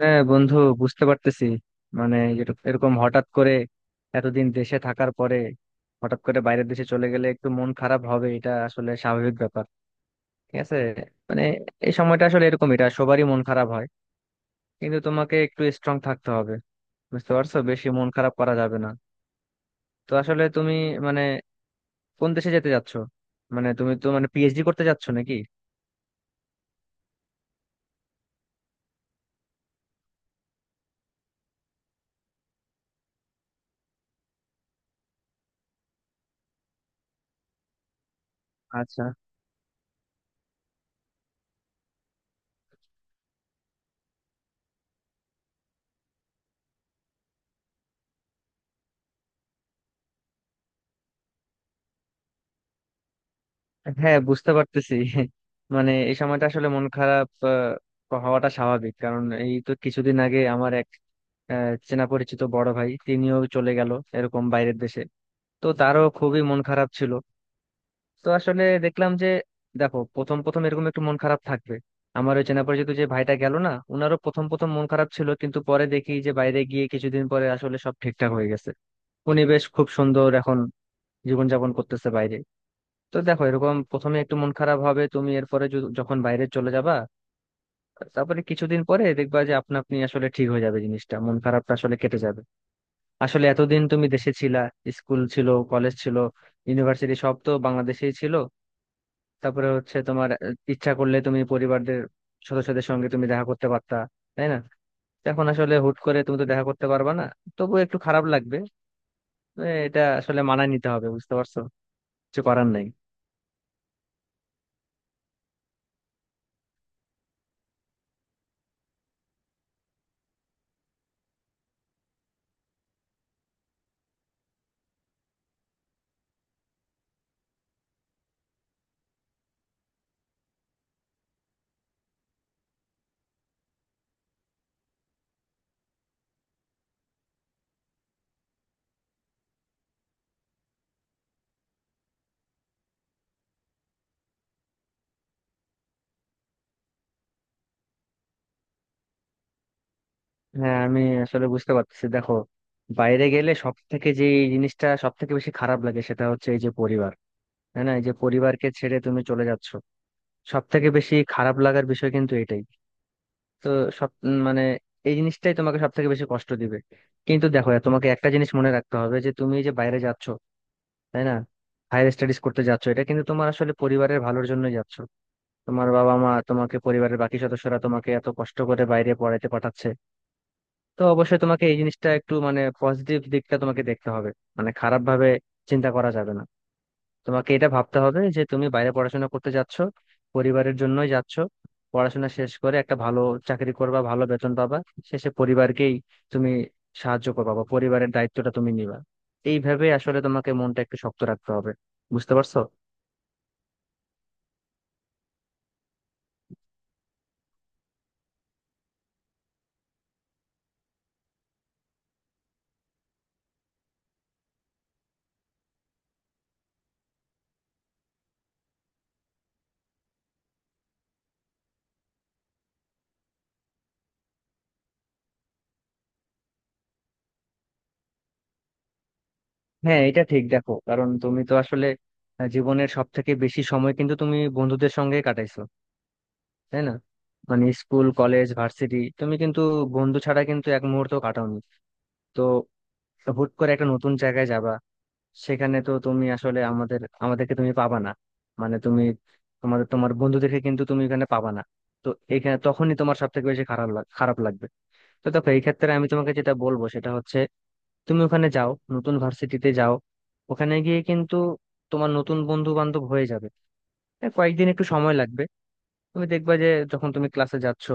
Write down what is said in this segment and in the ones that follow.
হ্যাঁ বন্ধু, বুঝতে পারতেছি। এরকম হঠাৎ করে এতদিন দেশে থাকার পরে হঠাৎ করে বাইরের দেশে চলে গেলে একটু মন খারাপ হবে, এটা আসলে স্বাভাবিক ব্যাপার। ঠিক আছে। মানে এই সময়টা আসলে এরকম, এটা সবারই মন খারাপ হয়, কিন্তু তোমাকে একটু স্ট্রং থাকতে হবে। বুঝতে পারছো, বেশি মন খারাপ করা যাবে না। তো আসলে তুমি মানে কোন দেশে যেতে যাচ্ছো? মানে তুমি তো মানে পিএইচডি করতে যাচ্ছো নাকি? আচ্ছা। হ্যাঁ, বুঝতে পারতেছি। মানে এই সময়টা আসলে মন খারাপ হওয়াটা স্বাভাবিক। কারণ এই তো কিছুদিন আগে আমার এক চেনা পরিচিত বড় ভাই, তিনিও চলে গেল এরকম বাইরের দেশে। তো তারও খুবই মন খারাপ ছিল। তো আসলে দেখলাম যে, দেখো প্রথম প্রথম এরকম একটু মন খারাপ থাকবে। আমার ওই চেনা পরিচিত যে ভাইটা গেল না, উনারও প্রথম প্রথম মন খারাপ ছিল, কিন্তু পরে দেখি যে বাইরে গিয়ে কিছুদিন পরে আসলে সব ঠিকঠাক হয়ে গেছে। উনি বেশ খুব সুন্দর এখন জীবনযাপন করতেছে বাইরে। তো দেখো এরকম প্রথমে একটু মন খারাপ হবে তুমি, এরপরে যখন বাইরে চলে যাবা, তারপরে কিছুদিন পরে দেখবা যে আপনা আপনি আসলে ঠিক হয়ে যাবে জিনিসটা, মন খারাপটা আসলে কেটে যাবে। আসলে এতদিন তুমি দেশে ছিলা, স্কুল ছিল, কলেজ ছিল, ইউনিভার্সিটি সব তো বাংলাদেশেই ছিল। তারপরে হচ্ছে তোমার ইচ্ছা করলে তুমি পরিবারদের সদস্যদের সঙ্গে তুমি দেখা করতে পারতা, তাই না? তো এখন আসলে হুট করে তুমি তো দেখা করতে পারবা না, তবুও একটু খারাপ লাগবে। এটা আসলে মানায় নিতে হবে, বুঝতে পারছো, কিছু করার নাই। হ্যাঁ, আমি আসলে বুঝতে পারতেছি। দেখো বাইরে গেলে সব থেকে যে এই জিনিসটা সব থেকে বেশি খারাপ লাগে সেটা হচ্ছে এই যে পরিবার। হ্যাঁ না, এই যে পরিবারকে ছেড়ে তুমি চলে যাচ্ছ, সব থেকে বেশি খারাপ লাগার বিষয় কিন্তু এটাই। তো সব মানে এই জিনিসটাই তোমাকে সব থেকে বেশি কষ্ট দিবে। কিন্তু দেখো তোমাকে একটা জিনিস মনে রাখতে হবে যে তুমি এই যে বাইরে যাচ্ছ, তাই না, হায়ার স্টাডিজ করতে যাচ্ছ, এটা কিন্তু তোমার আসলে পরিবারের ভালোর জন্যই যাচ্ছ। তোমার বাবা মা তোমাকে, পরিবারের বাকি সদস্যরা তোমাকে এত কষ্ট করে বাইরে পড়াতে পাঠাচ্ছে। তো অবশ্যই তোমাকে এই জিনিসটা একটু মানে পজিটিভ দিকটা তোমাকে দেখতে হবে। মানে খারাপ ভাবে চিন্তা করা যাবে না। তোমাকে এটা ভাবতে হবে যে তুমি বাইরে পড়াশোনা করতে যাচ্ছ, পরিবারের জন্যই যাচ্ছ। পড়াশোনা শেষ করে একটা ভালো চাকরি করবা, ভালো বেতন পাবা, শেষে পরিবারকেই তুমি সাহায্য করবা বা পরিবারের দায়িত্বটা তুমি নিবা। এইভাবে আসলে তোমাকে মনটা একটু শক্ত রাখতে হবে, বুঝতে পারছো। হ্যাঁ এটা ঠিক। দেখো কারণ তুমি তো আসলে জীবনের সব থেকে বেশি সময় কিন্তু তুমি বন্ধুদের সঙ্গে কাটাইছো, তাই না? মানে স্কুল কলেজ ভার্সিটি তুমি কিন্তু বন্ধু ছাড়া কিন্তু এক মুহূর্ত কাটাওনি। তো হুট করে একটা নতুন জায়গায় যাবা, সেখানে তো তুমি আসলে আমাদেরকে তুমি পাবা না। মানে তুমি তোমার বন্ধুদেরকে কিন্তু তুমি এখানে পাবা না। তো এখানে তখনই তোমার সব থেকে বেশি খারাপ লাগবে। তো দেখো এই ক্ষেত্রে আমি তোমাকে যেটা বলবো সেটা হচ্ছে, তুমি ওখানে যাও, নতুন ভার্সিটিতে যাও, ওখানে গিয়ে কিন্তু তোমার নতুন বন্ধু বান্ধব হয়ে যাবে। হ্যাঁ, কয়েকদিন একটু সময় লাগবে। তুমি দেখবা যে যখন তুমি ক্লাসে যাচ্ছ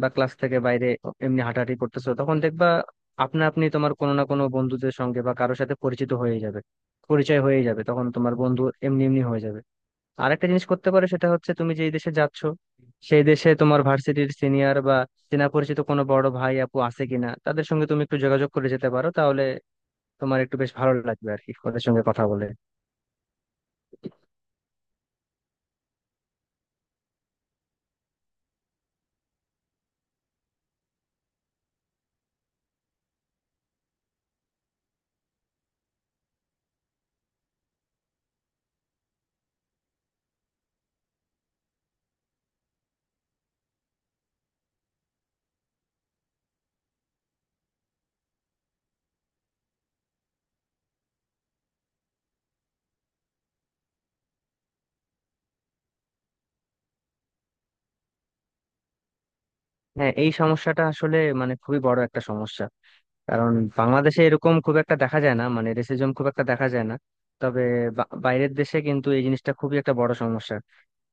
বা ক্লাস থেকে বাইরে এমনি হাঁটাহাঁটি করতেছো তখন দেখবা আপনা আপনি তোমার কোনো না কোনো বন্ধুদের সঙ্গে বা কারোর সাথে পরিচিত হয়ে যাবে, পরিচয় হয়ে যাবে, তখন তোমার বন্ধু এমনি এমনি হয়ে যাবে। আরেকটা জিনিস করতে পারো সেটা হচ্ছে তুমি যেই দেশে যাচ্ছ সেই দেশে তোমার ভার্সিটির সিনিয়র বা চেনা পরিচিত কোনো বড় ভাই আপু আছে কিনা, তাদের সঙ্গে তুমি একটু যোগাযোগ করে যেতে পারো, তাহলে তোমার একটু বেশ ভালো লাগবে আর কি, ওদের সঙ্গে কথা বলে। হ্যাঁ এই সমস্যাটা আসলে মানে খুবই বড় একটা সমস্যা। কারণ বাংলাদেশে এরকম খুব একটা দেখা যায় না, মানে রেসিজম খুব একটা দেখা যায় না। তবে বাইরের দেশে কিন্তু এই জিনিসটা খুবই একটা বড় সমস্যা।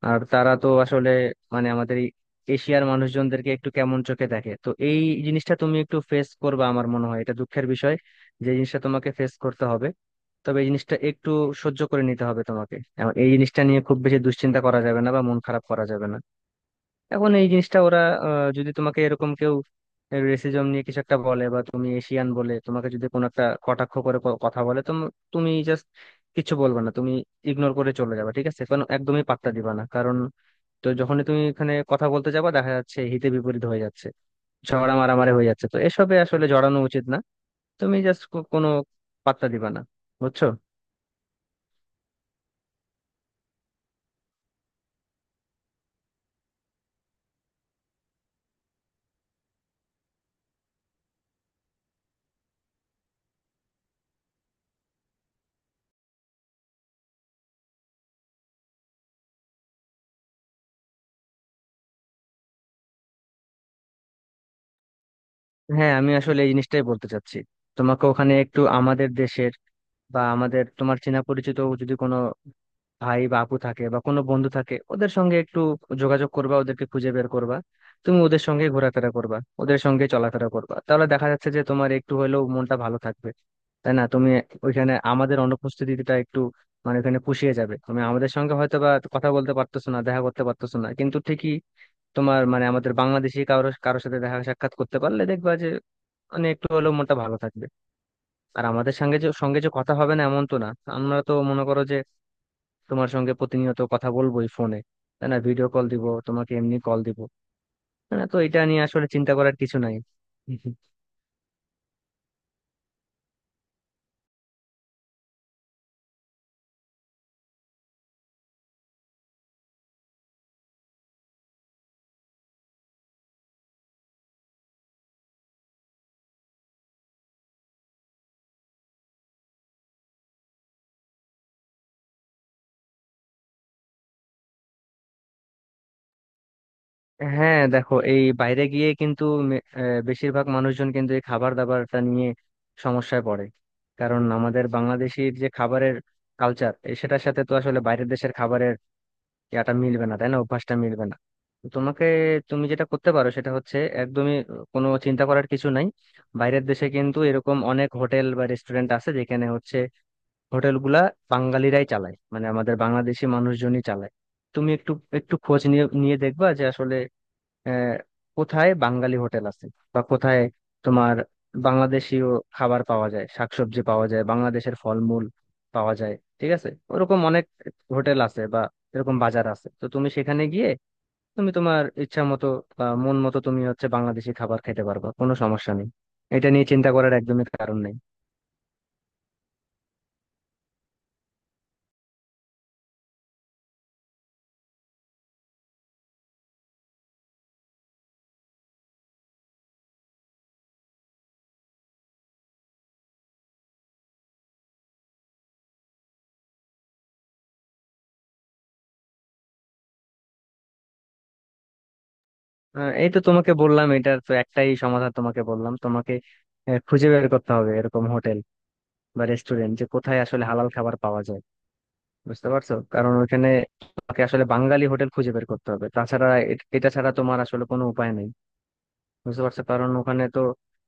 আর তারা তো আসলে মানে আমাদের এই এশিয়ার মানুষজনদেরকে একটু কেমন চোখে দেখে। তো এই জিনিসটা তুমি একটু ফেস করবে আমার মনে হয়, এটা দুঃখের বিষয় যে এই জিনিসটা তোমাকে ফেস করতে হবে। তবে এই জিনিসটা একটু সহ্য করে নিতে হবে তোমাকে। এখন এই জিনিসটা নিয়ে খুব বেশি দুশ্চিন্তা করা যাবে না বা মন খারাপ করা যাবে না। এখন এই জিনিসটা ওরা যদি তোমাকে এরকম কেউ রেসিজম নিয়ে কিছু একটা বলে বা তুমি এশিয়ান বলে তোমাকে যদি কোনো একটা কটাক্ষ করে কথা বলে, তো তুমি জাস্ট কিছু বলবে না, তুমি ইগনোর করে চলে যাবে। ঠিক আছে, কারণ একদমই পাত্তা দিবা না। কারণ তো যখনই তুমি এখানে কথা বলতে যাবা দেখা যাচ্ছে হিতে বিপরীত হয়ে যাচ্ছে, ঝগড়া মারামারি হয়ে যাচ্ছে। তো এসবে আসলে জড়ানো উচিত না, তুমি জাস্ট কোনো পাত্তা দিবা না, বুঝছো। হ্যাঁ আমি আসলে এই জিনিসটাই বলতে চাচ্ছি। তোমাকে ওখানে একটু আমাদের দেশের বা আমাদের তোমার চেনা পরিচিত যদি কোনো ভাই বা আপু থাকে বা কোনো বন্ধু থাকে, ওদের সঙ্গে একটু যোগাযোগ করবা, ওদেরকে খুঁজে বের করবা। তুমি ওদের সঙ্গে ঘোরাফেরা করবা, ওদের সঙ্গে চলাফেরা করবা, তাহলে দেখা যাচ্ছে যে তোমার একটু হলেও মনটা ভালো থাকবে, তাই না? তুমি ওইখানে আমাদের অনুপস্থিতিটা একটু মানে ওখানে পুষিয়ে যাবে। তুমি আমাদের সঙ্গে হয়তো বা কথা বলতে পারতেছো না, দেখা করতে পারতেছো না, কিন্তু ঠিকই তোমার মানে আমাদের বাংলাদেশি কারোর কারোর সাথে দেখা সাক্ষাৎ করতে পারলে দেখবা যে মানে একটু হলেও মনটা ভালো থাকবে। আর আমাদের সঙ্গে যে কথা হবে না এমন তো না। আমরা তো মনে করো যে তোমার সঙ্গে প্রতিনিয়ত কথা বলবোই ফোনে, তাই না, ভিডিও কল দিব তোমাকে, এমনি কল দিব, তাই না? তো এটা নিয়ে আসলে চিন্তা করার কিছু নাই। হ্যাঁ দেখো এই বাইরে গিয়ে কিন্তু বেশিরভাগ মানুষজন কিন্তু এই খাবার দাবারটা নিয়ে সমস্যায় পড়ে। কারণ আমাদের বাংলাদেশির যে খাবারের কালচার, সেটার সাথে তো আসলে বাইরের দেশের খাবারের ইয়াটা মিলবে না, তাই না, অভ্যাসটা মিলবে না। তো তোমাকে, তুমি যেটা করতে পারো সেটা হচ্ছে একদমই কোনো চিন্তা করার কিছু নাই। বাইরের দেশে কিন্তু এরকম অনেক হোটেল বা রেস্টুরেন্ট আছে যেখানে হচ্ছে হোটেল গুলা বাঙালিরাই চালায়, মানে আমাদের বাংলাদেশি মানুষজনই চালায়। তুমি একটু একটু খোঁজ নিয়ে নিয়ে দেখবা যে আসলে আহ, কোথায় বাঙালি হোটেল আছে বা কোথায় তোমার বাংলাদেশীয় খাবার পাওয়া যায়, শাকসবজি পাওয়া যায়, বাংলাদেশের ফলমূল পাওয়া যায়। ঠিক আছে, ওরকম অনেক হোটেল আছে বা এরকম বাজার আছে। তো তুমি সেখানে গিয়ে তুমি তোমার ইচ্ছা মতো বা মন মতো তুমি হচ্ছে বাংলাদেশি খাবার খেতে পারবা, কোনো সমস্যা নেই। এটা নিয়ে চিন্তা করার একদমই কারণ নেই। এই তো তোমাকে বললাম, এটার তো একটাই সমাধান তোমাকে বললাম, তোমাকে খুঁজে বের করতে হবে এরকম হোটেল বা রেস্টুরেন্ট যে কোথায় আসলে হালাল খাবার পাওয়া যায়। বুঝতে পারছো, কারণ ওইখানে তোমাকে আসলে বাঙালি হোটেল খুঁজে বের করতে হবে, তাছাড়া এটা ছাড়া তোমার আসলে কোনো উপায় নেই। বুঝতে পারছো, কারণ ওখানে তো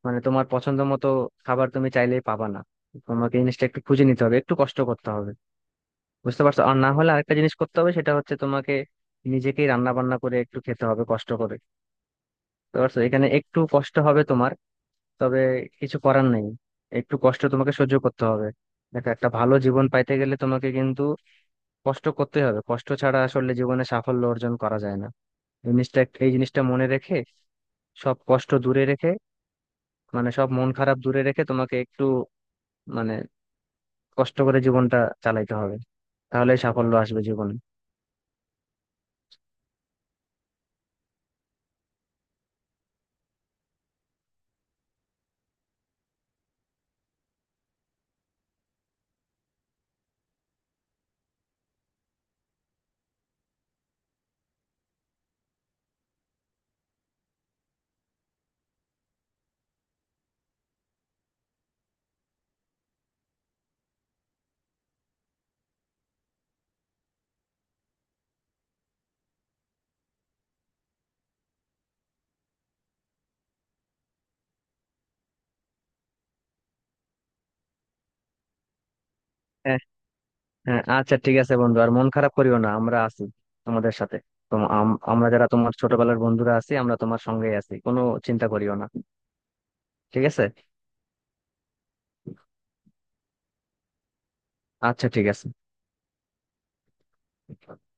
মানে তোমার পছন্দ মতো খাবার তুমি চাইলেই পাবা না। তোমাকে জিনিসটা একটু খুঁজে নিতে হবে, একটু কষ্ট করতে হবে, বুঝতে পারছো। আর না হলে আরেকটা জিনিস করতে হবে সেটা হচ্ছে তোমাকে নিজেকেই রান্না বান্না করে একটু খেতে হবে কষ্ট করে। বুঝতে পারছো, এখানে একটু কষ্ট হবে তোমার, তবে কিছু করার নেই, একটু কষ্ট তোমাকে সহ্য করতে হবে। দেখো একটা ভালো জীবন পাইতে গেলে তোমাকে কিন্তু কষ্ট করতে হবে, কষ্ট ছাড়া আসলে জীবনে সাফল্য অর্জন করা যায় না। জিনিসটা, এই জিনিসটা মনে রেখে সব কষ্ট দূরে রেখে মানে সব মন খারাপ দূরে রেখে তোমাকে একটু মানে কষ্ট করে জীবনটা চালাইতে হবে, তাহলে সাফল্য আসবে জীবনে। হ্যাঁ। হ্যাঁ আচ্ছা ঠিক আছে বন্ধু, আর মন খারাপ করিও না, আমরা আছি তোমাদের সাথে। আমরা যারা তোমার ছোটবেলার বন্ধুরা আছি আমরা তোমার সঙ্গেই আছি, কোনো চিন্তা করিও না, ঠিক আছে। আচ্ছা ঠিক আছে।